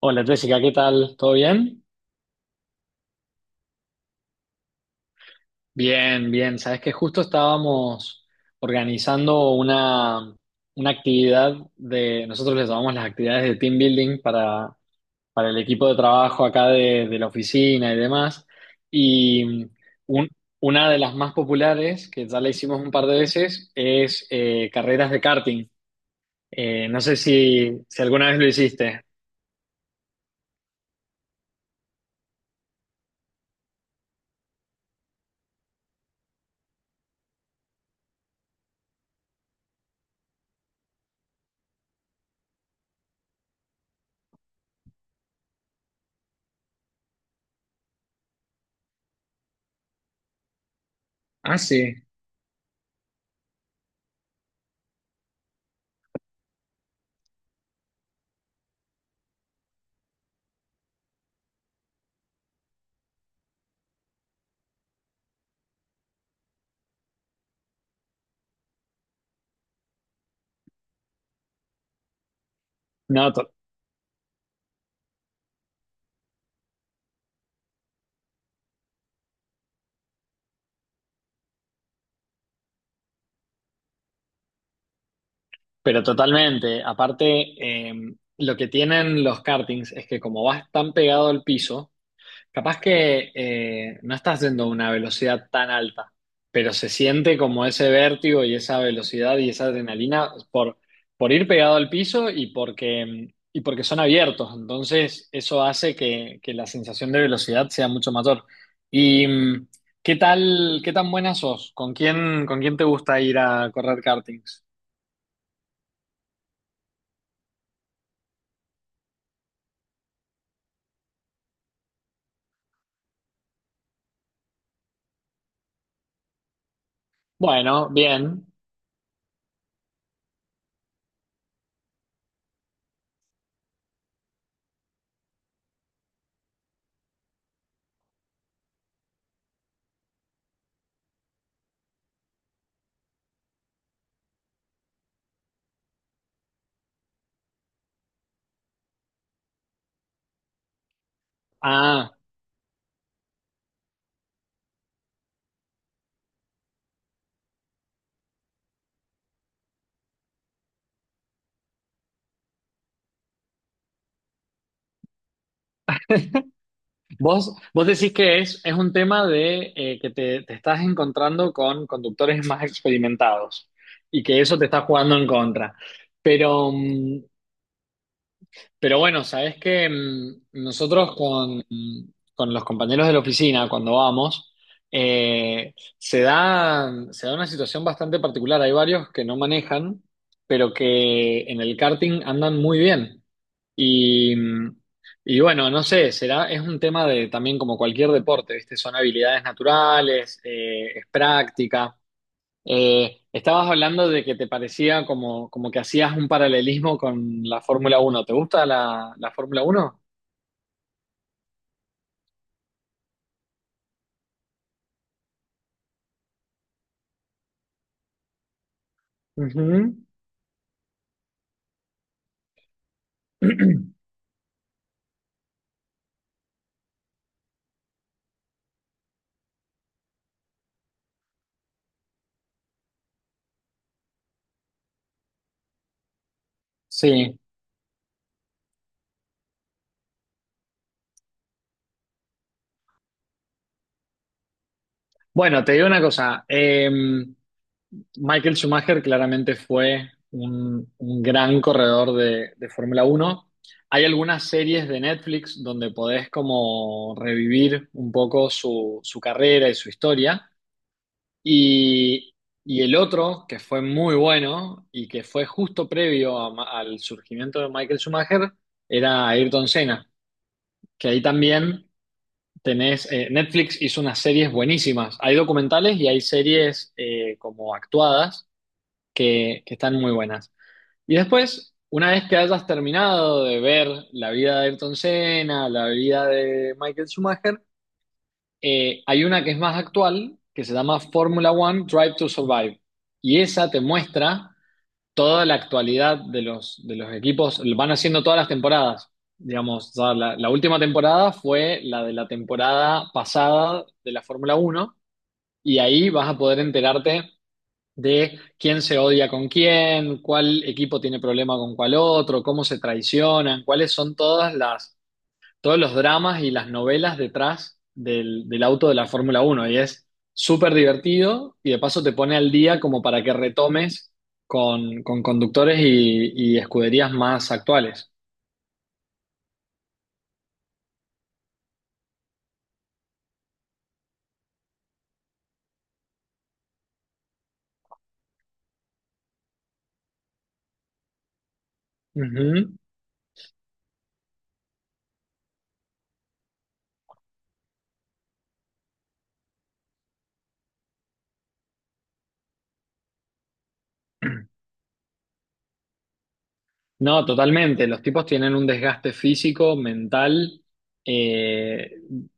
Hola Jessica, ¿qué tal? ¿Todo bien? Bien, bien. Sabes que justo estábamos organizando una actividad de, nosotros les llamamos las actividades de team building para el equipo de trabajo acá de la oficina y demás. Y un- una de las más populares, que ya la hicimos un par de veces, es carreras de karting. No sé si alguna vez lo hiciste. Ah, sí. No. Pero totalmente. Aparte, lo que tienen los kartings es que como vas tan pegado al piso, capaz que no estás yendo a una velocidad tan alta, pero se siente como ese vértigo y esa velocidad y esa adrenalina por ir pegado al piso y porque son abiertos. Entonces, eso hace que la sensación de velocidad sea mucho mayor. ¿Y qué tal, qué tan buena sos? ¿Con quién te gusta ir a correr kartings? Bueno, bien. Ah, vos decís que es un tema de que te estás encontrando con conductores más experimentados y que eso te está jugando en contra. Pero, mm, pero bueno, sabés que nosotros con los compañeros de la oficina, cuando vamos, se da una situación bastante particular. Hay varios que no manejan, pero que en el karting andan muy bien. Y, y bueno, no sé, será, es un tema de también como cualquier deporte, ¿viste? Son habilidades naturales, es práctica. Estabas hablando de que te parecía como que hacías un paralelismo con la Fórmula uno. ¿Te gusta la Fórmula uno? Ujú. Sí. Bueno, te digo una cosa. Michael Schumacher claramente fue un gran corredor de Fórmula Uno. Hay algunas series de Netflix donde podés como revivir un poco su carrera y su historia. Y, y el otro, que fue muy bueno y que fue justo previo a al surgimiento de Michael Schumacher, era Ayrton Senna, que ahí también tenés, Netflix hizo unas series buenísimas. Hay documentales y hay series como actuadas que están muy buenas. Y después, una vez que hayas terminado de ver la vida de Ayrton Senna, la vida de Michael Schumacher, hay una que es más actual, que se llama Formula One Drive to Survive. Y esa te muestra toda la actualidad de los, equipos, lo van haciendo todas las temporadas. Digamos, ya la última temporada fue la de la temporada pasada de la Fórmula Uno y ahí vas a poder enterarte de quién se odia con quién, cuál equipo tiene problema con cuál otro, cómo se traicionan, cuáles son todas las, todos los dramas y las novelas detrás del auto de la Fórmula Uno. Y es súper divertido y de paso te pone al día como para que retomes con, conductores y escuderías más actuales. Ujú. No, totalmente. Los tipos tienen un desgaste físico, mental, eh,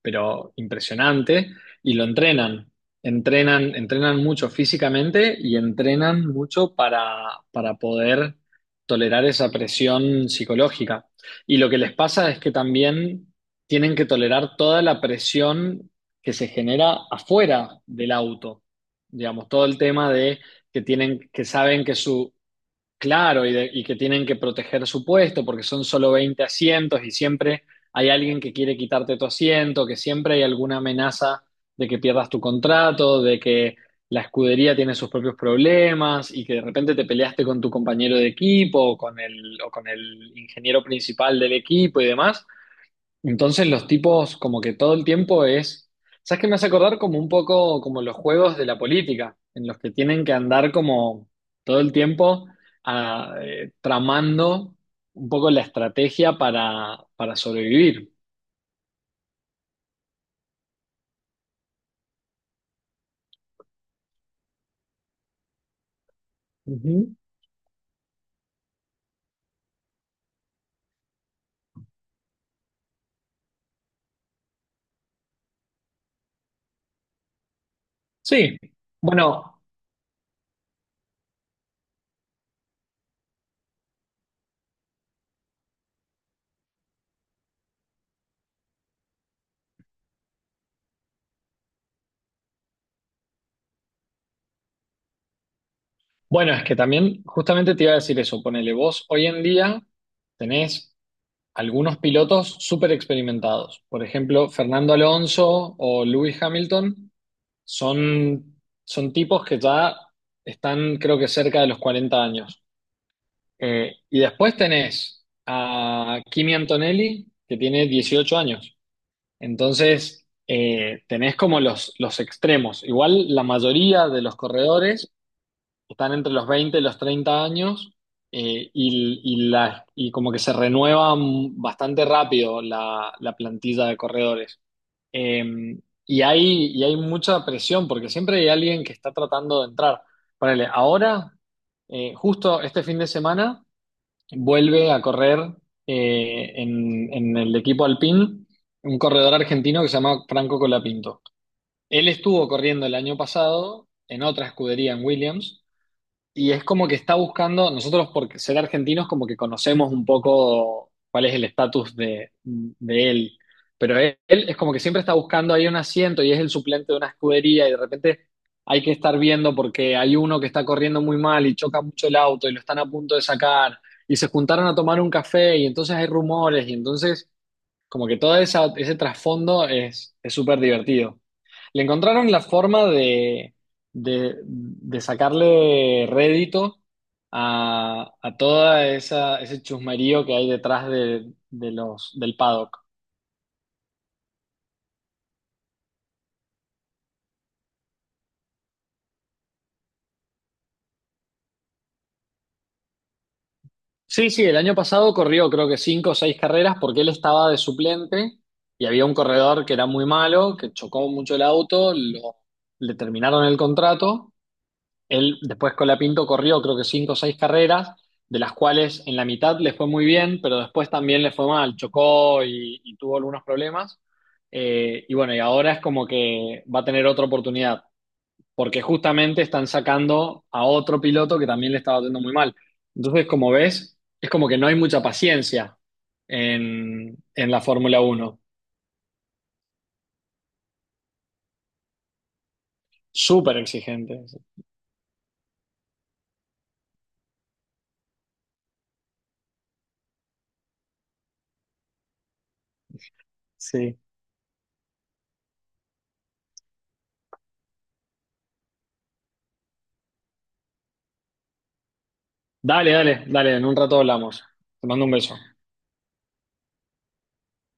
pero impresionante, y lo entrenan. Entrenan, entrenan mucho físicamente y entrenan mucho para poder tolerar esa presión psicológica. Y lo que les pasa es que también tienen que tolerar toda la presión que se genera afuera del auto. Digamos, todo el tema de que tienen, que saben que su. Claro, y que tienen que proteger su puesto porque son solo 20 asientos y siempre hay alguien que quiere quitarte tu asiento, que siempre hay alguna amenaza de que pierdas tu contrato, de que la escudería tiene sus propios problemas y que de repente te peleaste con tu compañero de equipo o con el ingeniero principal del equipo y demás. Entonces los tipos como que todo el tiempo es, ¿sabes qué me hace acordar? Como un poco como los juegos de la política, en los que tienen que andar como todo el tiempo tramando un poco la estrategia para, sobrevivir. Ujú. Sí, bueno, bueno, es que también justamente te iba a decir eso, ponele vos, hoy en día tenés algunos pilotos súper experimentados, por ejemplo, Fernando Alonso o Lewis Hamilton. Son, son tipos que ya están, creo que cerca de los 40 años. Y después tenés a Kimi Antonelli, que tiene 18 años. Entonces, tenés como los extremos. Igual la mayoría de los corredores están entre los 20 y los 30 años. Y como que se renueva bastante rápido la plantilla de corredores. Eh, y hay mucha presión porque siempre hay alguien que está tratando de entrar. Ponele, ahora, justo este fin de semana, vuelve a correr en el equipo Alpine un corredor argentino que se llama Franco Colapinto. Él estuvo corriendo el año pasado en otra escudería en Williams y es como que está buscando, nosotros por ser argentinos como que conocemos un poco cuál es el estatus de él, pero él es como que siempre está buscando ahí un asiento y es el suplente de una escudería y de repente hay que estar viendo porque hay uno que está corriendo muy mal y choca mucho el auto y lo están a punto de sacar y se juntaron a tomar un café y entonces hay rumores y entonces como que ese trasfondo es súper divertido. Le encontraron la forma de, de sacarle rédito a ese chusmerío que hay detrás del paddock. Sí, sí, el año pasado corrió creo que cinco o seis carreras porque él estaba de suplente y había un corredor que era muy malo, que chocó mucho el auto, le terminaron el contrato. Él después con la Pinto corrió creo que cinco o seis carreras, de las cuales en la mitad le fue muy bien, pero después también le fue mal, chocó y tuvo algunos problemas. Y bueno, y ahora es como que va a tener otra oportunidad, porque justamente están sacando a otro piloto que también le estaba haciendo muy mal. Entonces, como ves, es como que no hay mucha paciencia en la Fórmula Uno. Súper exigente. Sí. Dale, dale, dale, en un rato hablamos. Te mando un beso.